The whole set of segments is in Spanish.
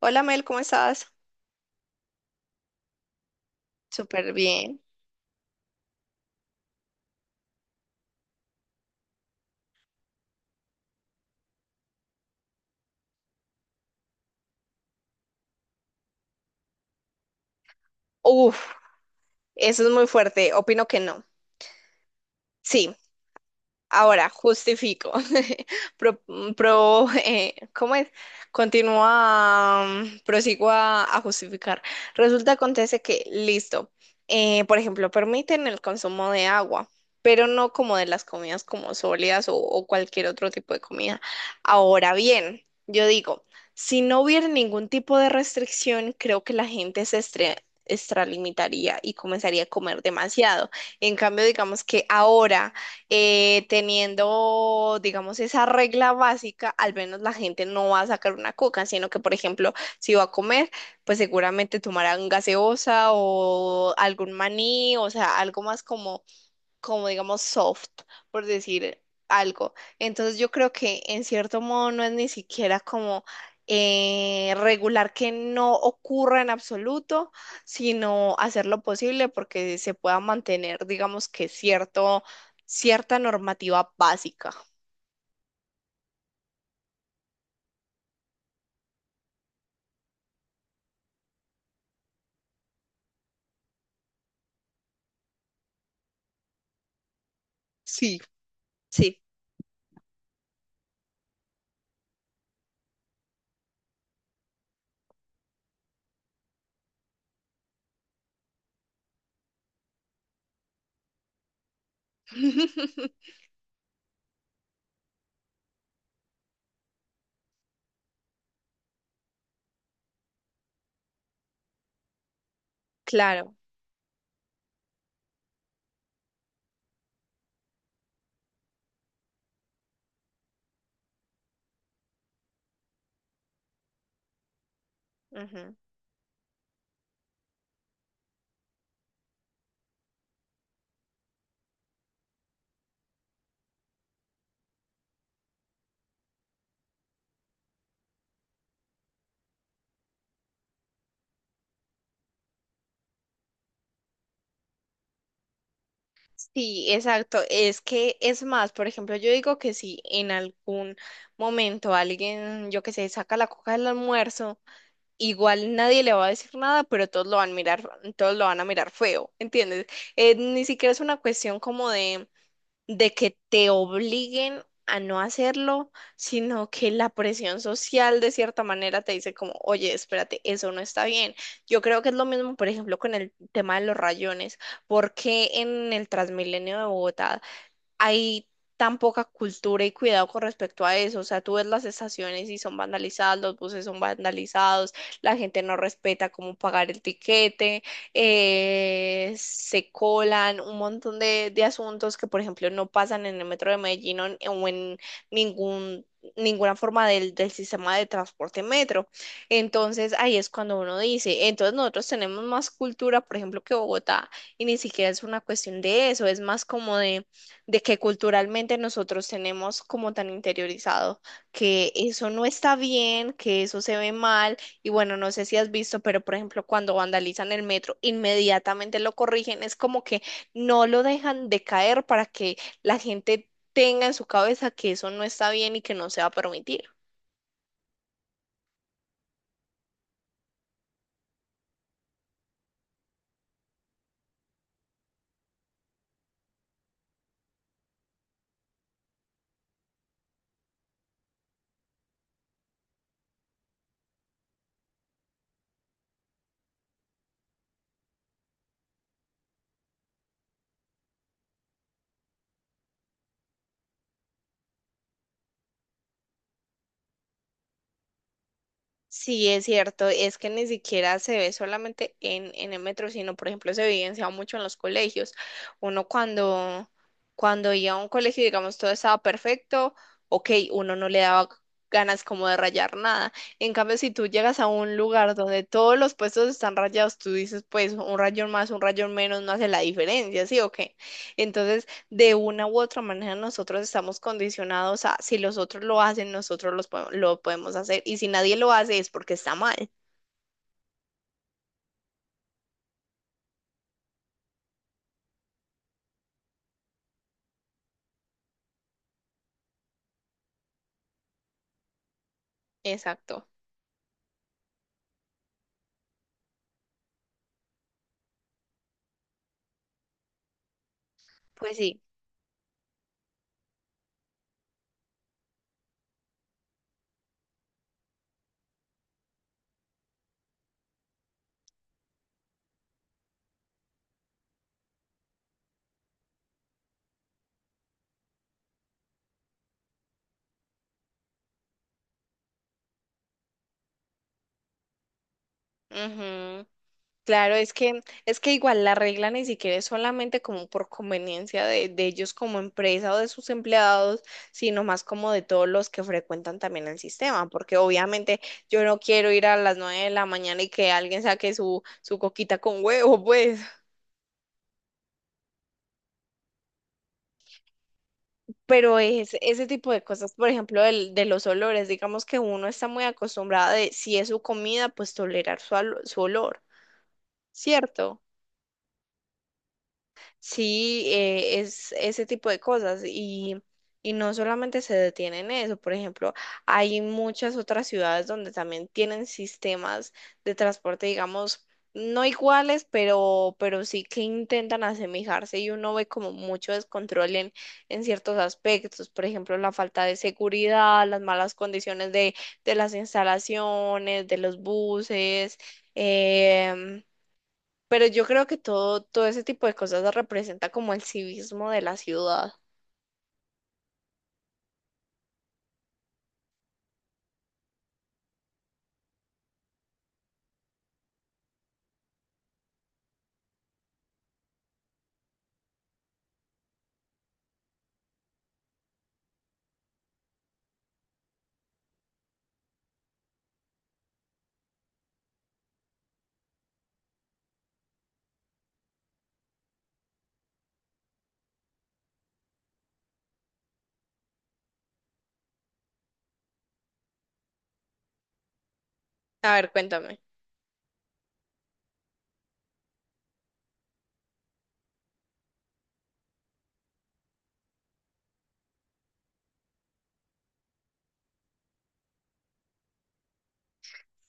Hola Mel, ¿cómo estás? Súper bien. Uf, eso es muy fuerte. Opino que no. Sí. Ahora, justifico. ¿Cómo es? Continúa, prosigo a justificar. Resulta, acontece que, listo, por ejemplo, permiten el consumo de agua, pero no como de las comidas como sólidas o cualquier otro tipo de comida. Ahora bien, yo digo, si no hubiera ningún tipo de restricción, creo que la gente extralimitaría y comenzaría a comer demasiado. En cambio, digamos que ahora teniendo, digamos, esa regla básica, al menos la gente no va a sacar una coca, sino que, por ejemplo, si va a comer, pues seguramente tomarán gaseosa o algún maní, o sea, algo más como como digamos soft, por decir algo. Entonces yo creo que en cierto modo no es ni siquiera como regular que no ocurra en absoluto, sino hacer lo posible porque se pueda mantener, digamos que cierto, cierta normativa básica. Sí. Sí. Claro. Ujú. Sí, exacto. Es que es más, por ejemplo, yo digo que si en algún momento alguien, yo qué sé, saca la coca del almuerzo, igual nadie le va a decir nada, pero todos lo van a mirar, todos lo van a mirar feo, ¿entiendes? Ni siquiera es una cuestión como de que te obliguen a no hacerlo, sino que la presión social de cierta manera te dice como, oye, espérate, eso no está bien. Yo creo que es lo mismo, por ejemplo, con el tema de los rayones, porque en el Transmilenio de Bogotá hay tan poca cultura y cuidado con respecto a eso. O sea, tú ves las estaciones y son vandalizadas, los buses son vandalizados, la gente no respeta cómo pagar el tiquete, se colan un montón de asuntos que, por ejemplo, no pasan en el metro de Medellín o en ningún... ninguna forma del, del sistema de transporte metro. Entonces ahí es cuando uno dice, entonces nosotros tenemos más cultura, por ejemplo, que Bogotá, y ni siquiera es una cuestión de eso, es más como de que culturalmente nosotros tenemos como tan interiorizado que eso no está bien, que eso se ve mal, y bueno, no sé si has visto, pero por ejemplo, cuando vandalizan el metro, inmediatamente lo corrigen, es como que no lo dejan de caer para que la gente tenga en su cabeza que eso no está bien y que no se va a permitir. Sí, es cierto, es que ni siquiera se ve solamente en el metro, sino por ejemplo se evidencia mucho en los colegios. Uno cuando, cuando iba a un colegio, digamos, todo estaba perfecto, ok, uno no le daba ganas como de rayar nada. En cambio, si tú llegas a un lugar donde todos los puestos están rayados, tú dices, pues un rayón más, un rayón menos, no hace la diferencia, ¿sí o qué? Entonces, de una u otra manera nosotros estamos condicionados a si los otros lo hacen, nosotros lo podemos hacer y si nadie lo hace es porque está mal. Exacto. Pues sí. Ujú. Claro, es que igual la regla ni siquiera es solamente como por conveniencia de ellos como empresa o de sus empleados, sino más como de todos los que frecuentan también el sistema, porque obviamente yo no quiero ir a las 9 de la mañana y que alguien saque su, su coquita con huevo, pues. Pero es ese tipo de cosas, por ejemplo, de los olores, digamos que uno está muy acostumbrado de si es su comida, pues tolerar su olor, ¿cierto? Sí, es ese tipo de cosas y no solamente se detiene en eso, por ejemplo, hay muchas otras ciudades donde también tienen sistemas de transporte, digamos, no iguales, pero sí que intentan asemejarse y uno ve como mucho descontrol en ciertos aspectos, por ejemplo, la falta de seguridad, las malas condiciones de las instalaciones, de los buses. em, pero yo creo que todo, todo ese tipo de cosas representa como el civismo de la ciudad. A ver, cuéntame.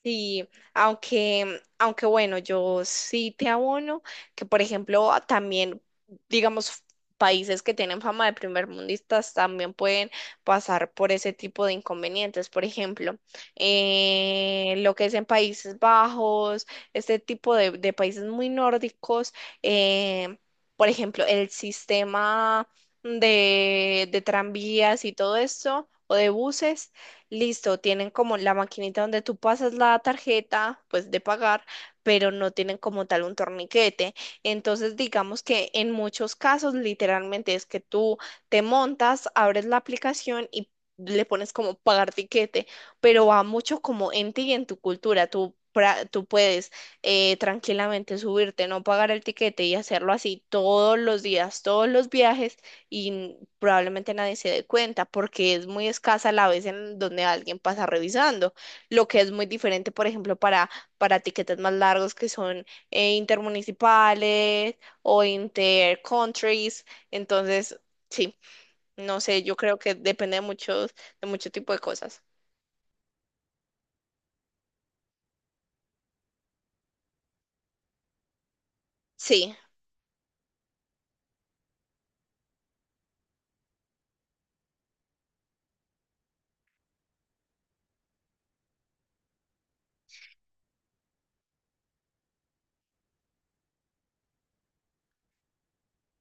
Sí, aunque, aunque bueno, yo sí te abono que, por ejemplo, también, digamos, países que tienen fama de primermundistas también pueden pasar por ese tipo de inconvenientes. Por ejemplo, lo que es en Países Bajos, este tipo de países muy nórdicos, eh, por ejemplo, el sistema de tranvías y todo esto, o de buses listo, tienen como la maquinita donde tú pasas la tarjeta, pues de pagar, pero no tienen como tal un torniquete. Entonces, digamos que en muchos casos, literalmente es que tú te montas, abres la aplicación y le pones como pagar tiquete, pero va mucho como en ti y en tu cultura. Tú puedes tranquilamente subirte, no pagar el tiquete y hacerlo así todos los días, todos los viajes y probablemente nadie se dé cuenta porque es muy escasa la vez en donde alguien pasa revisando, lo que es muy diferente, por ejemplo, para tiquetes más largos que son intermunicipales o intercountries. Entonces, sí, no sé, yo creo que depende de muchos, de mucho tipo de cosas. Sí.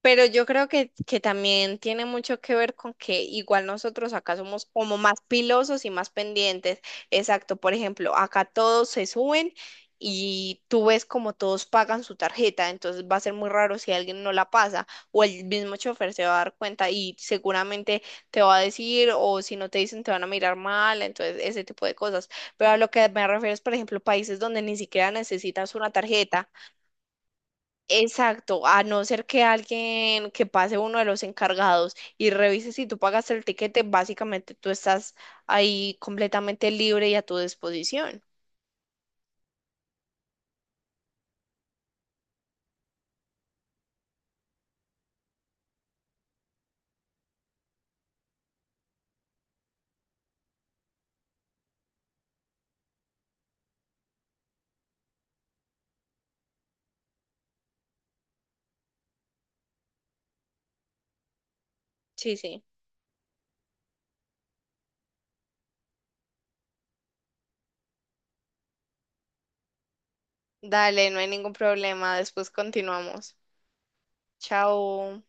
Pero yo creo que también tiene mucho que ver con que igual nosotros acá somos como más pilosos y más pendientes. Exacto, por ejemplo, acá todos se suben y tú ves como todos pagan su tarjeta, entonces va a ser muy raro si alguien no la pasa o el mismo chofer se va a dar cuenta y seguramente te va a decir o si no te dicen te van a mirar mal, entonces ese tipo de cosas. Pero a lo que me refiero es, por ejemplo, países donde ni siquiera necesitas una tarjeta. Exacto, a no ser que alguien que pase uno de los encargados y revise si tú pagaste el tiquete, básicamente tú estás ahí completamente libre y a tu disposición. Sí, sí. Dale, no hay ningún problema. Después continuamos. Chao.